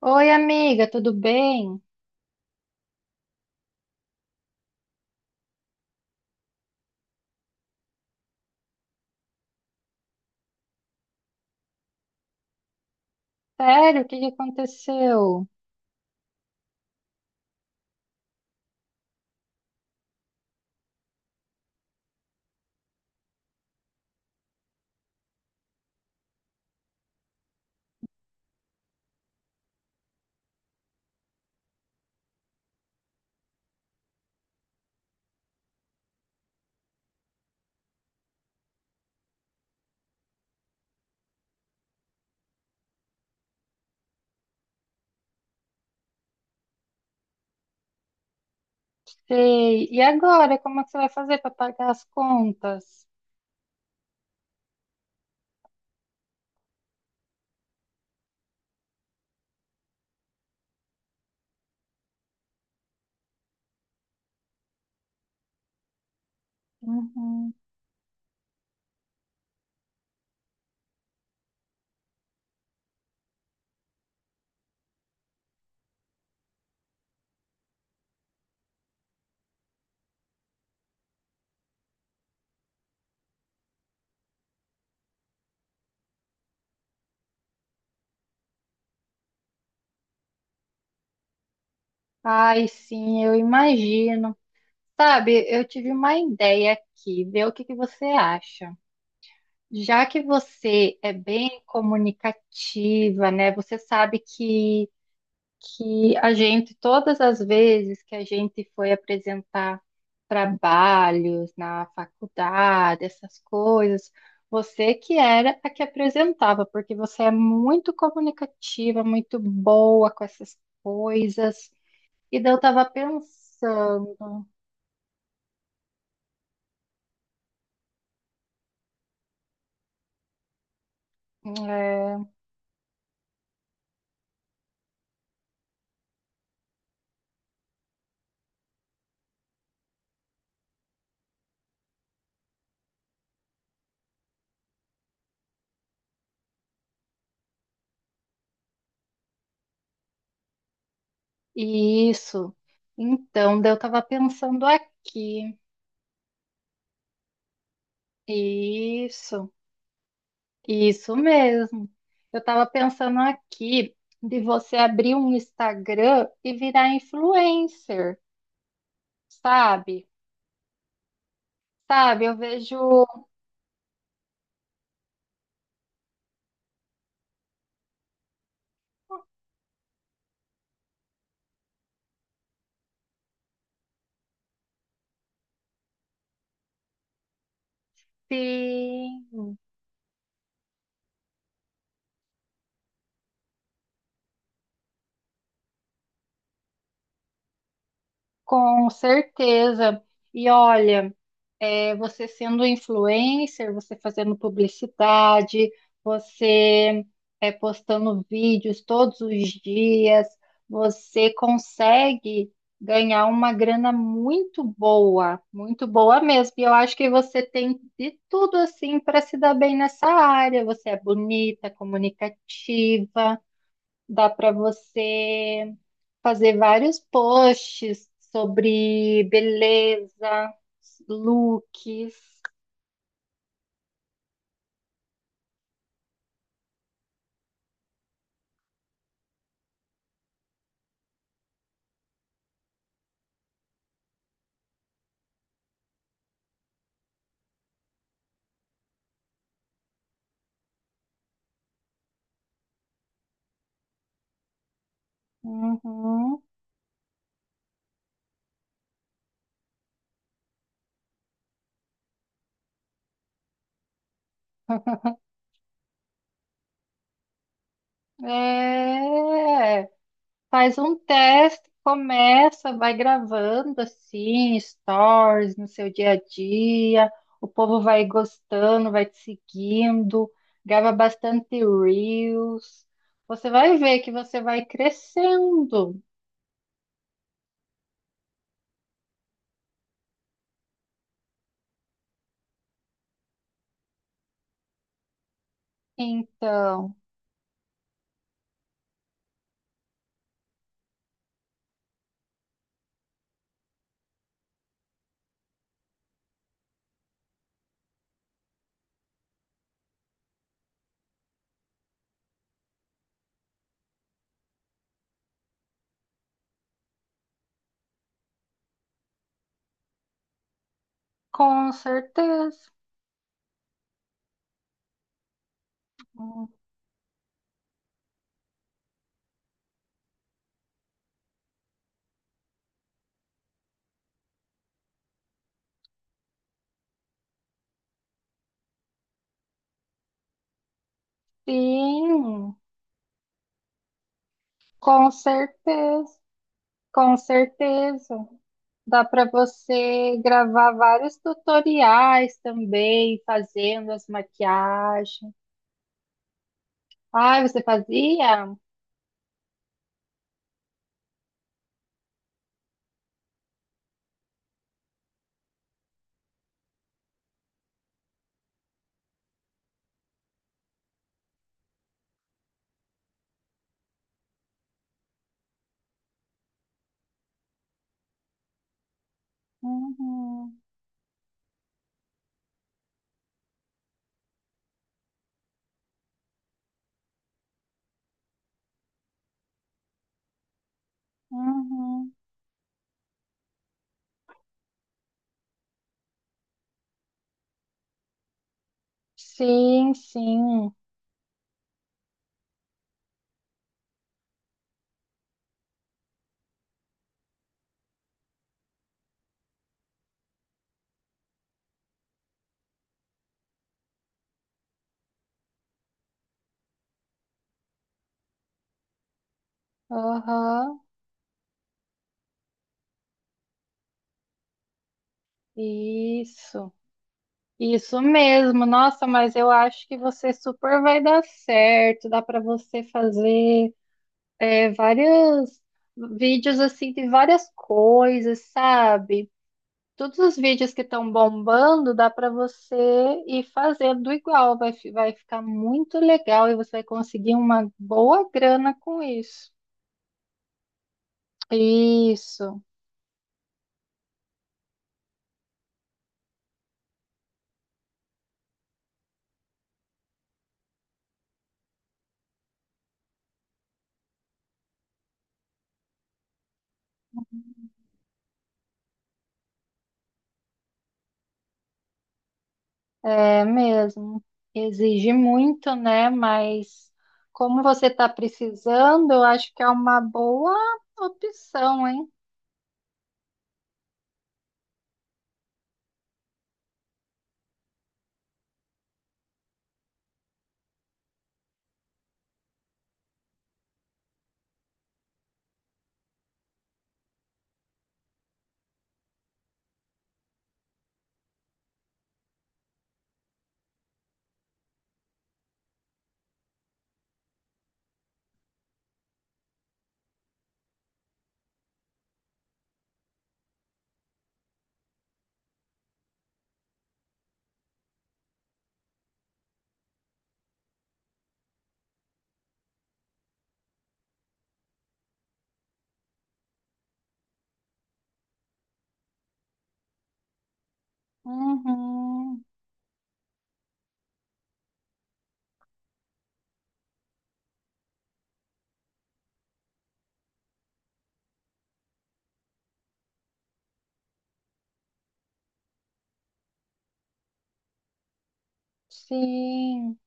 Oi, amiga, tudo bem? Sério, o que que aconteceu? Sei. E agora, como é que você vai fazer para pagar as contas? Uhum. Ai, sim, eu imagino. Sabe, eu tive uma ideia aqui, ver o que que você acha. Já que você é bem comunicativa, né? Você sabe que a gente, todas as vezes que a gente foi apresentar trabalhos na faculdade, essas coisas, você que era a que apresentava, porque você é muito comunicativa, muito boa com essas coisas. E daí eu tava pensando, é, isso. Então, daí eu tava pensando aqui. Isso. Isso mesmo. Eu estava pensando aqui de você abrir um Instagram e virar influencer, sabe? Sabe, eu vejo sim, com certeza. E olha, você sendo influencer, você fazendo publicidade, você postando vídeos todos os dias, você consegue ganhar uma grana muito boa mesmo. E eu acho que você tem de tudo assim para se dar bem nessa área. Você é bonita, comunicativa. Dá para você fazer vários posts sobre beleza, looks. Uhum. É, faz um teste, começa, vai gravando assim, stories no seu dia a dia. O povo vai gostando, vai te seguindo, grava bastante reels. Você vai ver que você vai crescendo. Então. Com certeza. Sim, com certeza. Com certeza. Dá para você gravar vários tutoriais também, fazendo as maquiagens. Ah, você fazia? Uhum, uhum. Sim, sim. Aham, isso. Isso mesmo. Nossa, mas eu acho que você super vai dar certo. Dá para você fazer vários vídeos assim de várias coisas, sabe? Todos os vídeos que estão bombando, dá para você ir fazendo igual, vai, vai ficar muito legal e você vai conseguir uma boa grana com isso. Isso, é mesmo. Exige muito, né? Mas como você está precisando, eu acho que é uma boa opção, hein? Uhum, sim.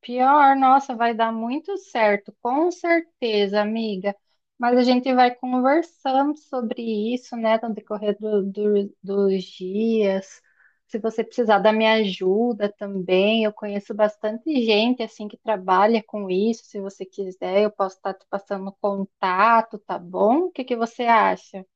Pior, nossa, vai dar muito certo, com certeza, amiga. Mas a gente vai conversando sobre isso, né, no decorrer dos dias. Se você precisar da minha ajuda também, eu conheço bastante gente assim que trabalha com isso. Se você quiser, eu posso estar te passando contato, tá bom? O que que você acha?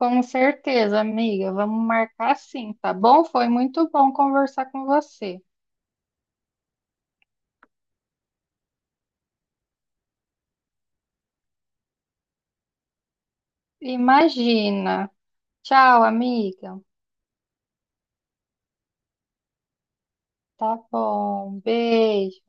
Com certeza, amiga. Vamos marcar sim, tá bom? Foi muito bom conversar com você. Imagina. Tchau, amiga. Tá bom. Beijo.